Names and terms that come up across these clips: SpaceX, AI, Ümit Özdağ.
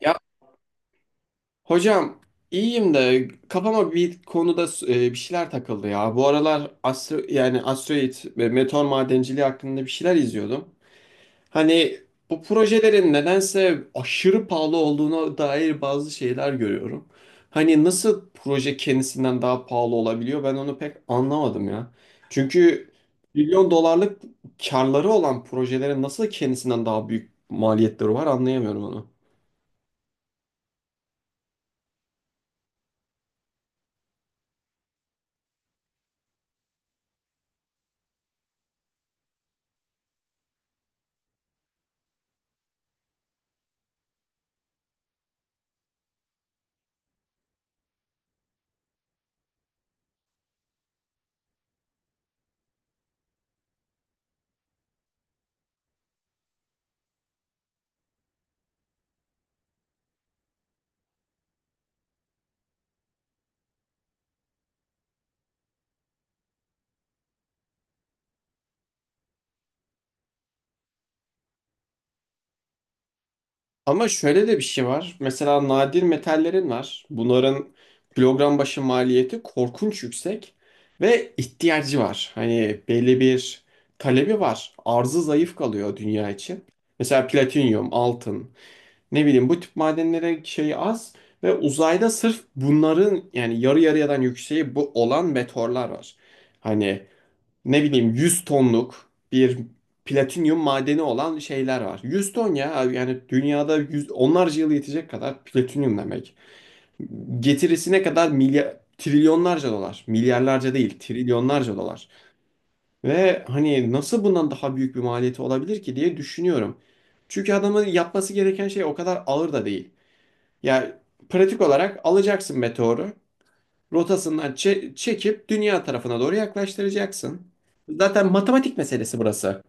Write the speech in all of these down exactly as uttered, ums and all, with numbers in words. Ya hocam, iyiyim de kafama bir konuda e, bir şeyler takıldı ya. Bu aralar astro yani asteroid ve meteor madenciliği hakkında bir şeyler izliyordum. Hani bu projelerin nedense aşırı pahalı olduğuna dair bazı şeyler görüyorum. Hani nasıl proje kendisinden daha pahalı olabiliyor, ben onu pek anlamadım ya. Çünkü milyon dolarlık karları olan projelerin nasıl kendisinden daha büyük maliyetleri var anlayamıyorum onu. Ama şöyle de bir şey var. Mesela nadir metallerin var. Bunların kilogram başı maliyeti korkunç yüksek ve ihtiyacı var. Hani belli bir talebi var. Arzı zayıf kalıyor dünya için. Mesela platinyum, altın, ne bileyim bu tip madenlere şey az ve uzayda sırf bunların yani yarı yarıya'dan yükseği bu olan meteorlar var. Hani ne bileyim yüz tonluk bir platinyum madeni olan şeyler var. Yüz ton ya abi, yani dünyada yüz, onlarca yıl yetecek kadar platinyum demek. Getirisine kadar milyar trilyonlarca dolar. Milyarlarca değil, trilyonlarca dolar. Ve hani nasıl bundan daha büyük bir maliyeti olabilir ki diye düşünüyorum. Çünkü adamın yapması gereken şey o kadar ağır da değil. Ya pratik olarak alacaksın meteoru rotasından çe- çekip dünya tarafına doğru yaklaştıracaksın. Zaten matematik meselesi burası.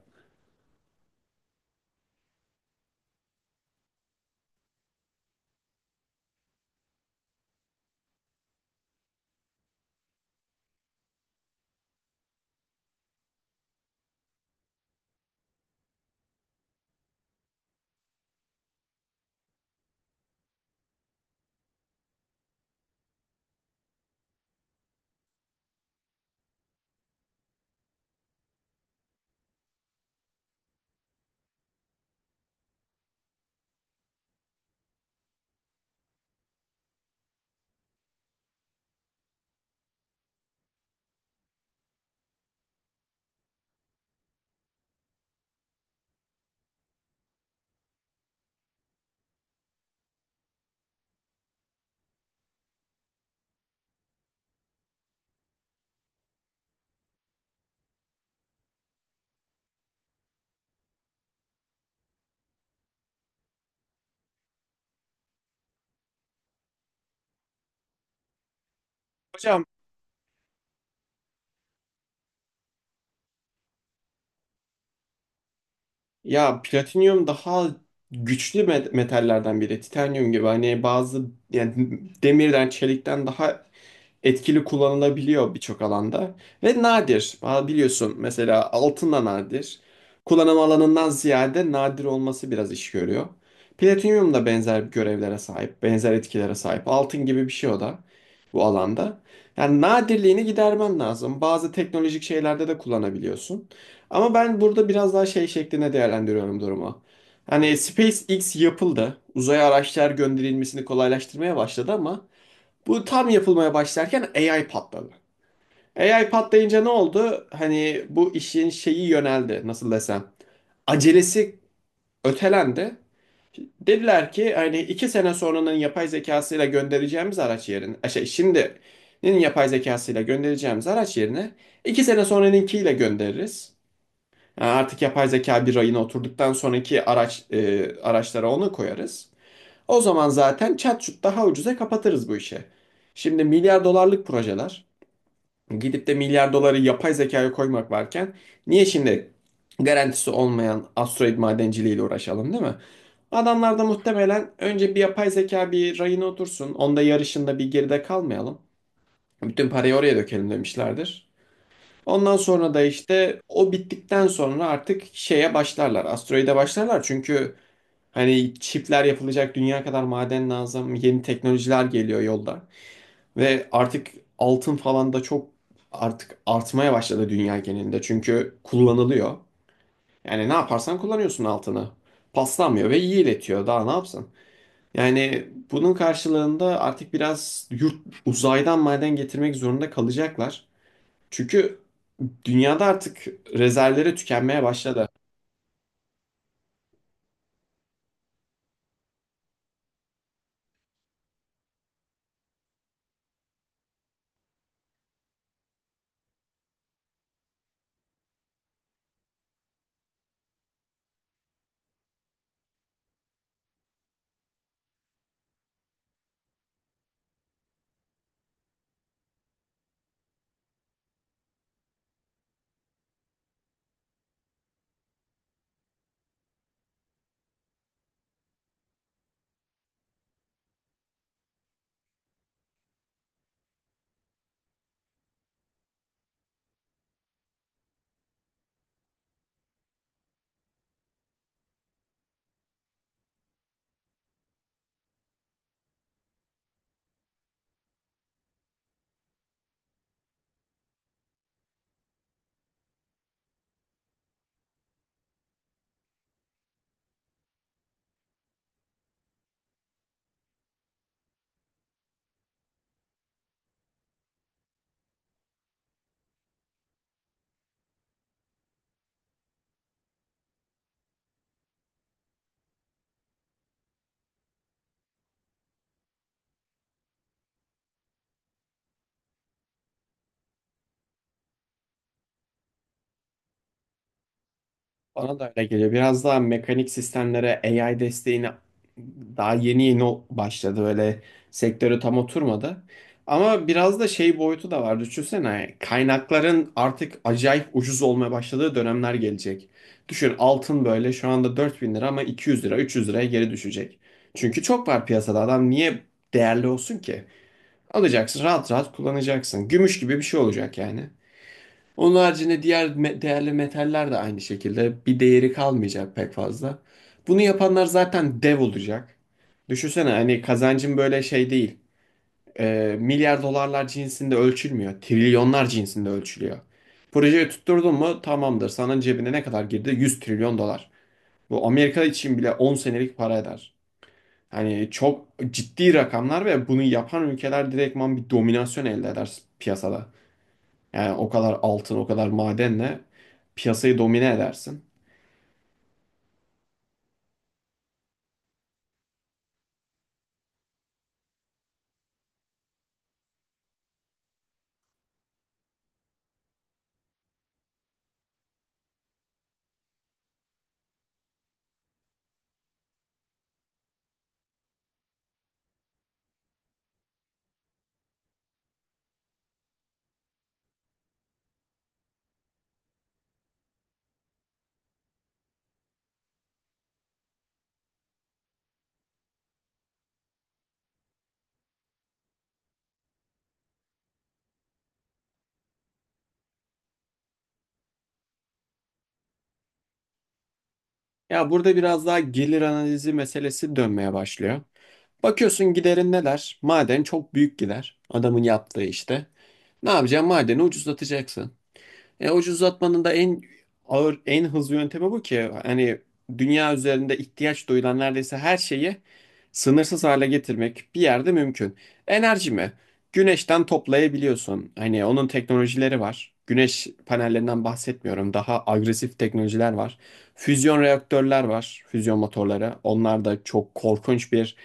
Hocam, ya platinyum daha güçlü met- metallerden biri. Titanyum gibi hani bazı yani demirden, çelikten daha etkili kullanılabiliyor birçok alanda. Ve nadir. Aa, biliyorsun mesela altın da nadir. Kullanım alanından ziyade nadir olması biraz iş görüyor. Platinyum da benzer görevlere sahip, benzer etkilere sahip. Altın gibi bir şey o da bu alanda. Yani nadirliğini gidermen lazım. Bazı teknolojik şeylerde de kullanabiliyorsun. Ama ben burada biraz daha şey şeklinde değerlendiriyorum durumu. Hani SpaceX yapıldı. Uzaya araçlar gönderilmesini kolaylaştırmaya başladı ama bu tam yapılmaya başlarken A I patladı. A I patlayınca ne oldu? Hani bu işin şeyi yöneldi, nasıl desem. Acelesi ötelendi. Dediler ki hani iki sene sonranın yapay zekasıyla göndereceğimiz araç yerine, e şey şimdinin yapay zekasıyla göndereceğimiz araç yerine iki sene sonranınkiyle göndeririz. Yani artık yapay zeka bir rayına oturduktan sonraki araç e, araçlara onu koyarız. O zaman zaten çat daha ucuza kapatırız bu işi. Şimdi milyar dolarlık projeler gidip de milyar doları yapay zekaya koymak varken niye şimdi garantisi olmayan asteroid madenciliğiyle uğraşalım, değil mi? Adamlar da muhtemelen önce bir yapay zeka bir rayına otursun. Onda yarışında bir geride kalmayalım. Bütün parayı oraya dökelim demişlerdir. Ondan sonra da işte o bittikten sonra artık şeye başlarlar. Asteroide başlarlar çünkü hani çipler yapılacak, dünya kadar maden lazım. Yeni teknolojiler geliyor yolda. Ve artık altın falan da çok artık artmaya başladı dünya genelinde. Çünkü kullanılıyor. Yani ne yaparsan kullanıyorsun altını. Paslanmıyor ve iyi iletiyor. Daha ne yapsın? Yani bunun karşılığında artık biraz yurt uzaydan maden getirmek zorunda kalacaklar. Çünkü dünyada artık rezervleri tükenmeye başladı. Bana da öyle geliyor. Biraz daha mekanik sistemlere A I desteğine daha yeni yeni o- başladı. Böyle sektörü tam oturmadı. Ama biraz da şey boyutu da var. Düşünsene kaynakların artık acayip ucuz olmaya başladığı dönemler gelecek. Düşün, altın böyle şu anda dört bin lira ama iki yüz lira, üç yüz liraya geri düşecek. Çünkü çok var piyasada, adam niye değerli olsun ki? Alacaksın rahat rahat kullanacaksın. Gümüş gibi bir şey olacak yani. Onun haricinde diğer me- değerli metaller de aynı şekilde bir değeri kalmayacak pek fazla. Bunu yapanlar zaten dev olacak. Düşünsene hani kazancın böyle şey değil. Ee, milyar dolarlar cinsinde ölçülmüyor. Trilyonlar cinsinde ölçülüyor. Projeyi tutturdun mu tamamdır. Sana cebine ne kadar girdi? yüz trilyon dolar. Bu Amerika için bile on senelik para eder. Hani çok ciddi rakamlar ve bunu yapan ülkeler direktman bir dominasyon elde eder piyasada. Yani o kadar altın, o kadar madenle piyasayı domine edersin. Ya burada biraz daha gelir analizi meselesi dönmeye başlıyor. Bakıyorsun giderin neler? Maden çok büyük gider. Adamın yaptığı işte. Ne yapacaksın? Madeni ucuzlatacaksın. E, ucuzlatmanın da en ağır, en hızlı yöntemi bu ki hani dünya üzerinde ihtiyaç duyulan neredeyse her şeyi sınırsız hale getirmek bir yerde mümkün. Enerji mi? Güneşten toplayabiliyorsun. Hani onun teknolojileri var. Güneş panellerinden bahsetmiyorum. Daha agresif teknolojiler var. Füzyon reaktörler var. Füzyon motorları. Onlar da çok korkunç bir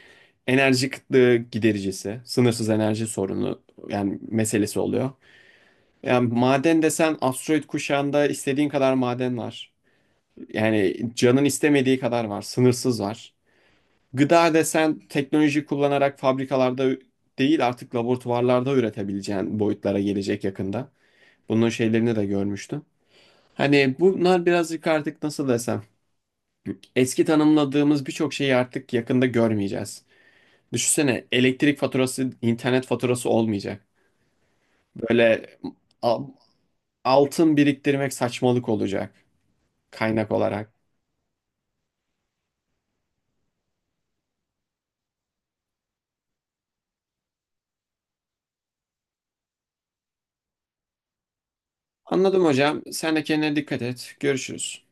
enerji kıtlığı gidericisi. Sınırsız enerji sorunu yani meselesi oluyor. Yani maden desen asteroid kuşağında istediğin kadar maden var. Yani canın istemediği kadar var. Sınırsız var. Gıda desen teknoloji kullanarak fabrikalarda değil artık laboratuvarlarda üretebileceğin boyutlara gelecek yakında. Bunun şeylerini de görmüştüm. Hani bunlar birazcık artık nasıl desem eski tanımladığımız birçok şeyi artık yakında görmeyeceğiz. Düşünsene elektrik faturası, internet faturası olmayacak. Böyle a- altın biriktirmek saçmalık olacak kaynak olarak. Anladım hocam. Sen de kendine dikkat et. Görüşürüz.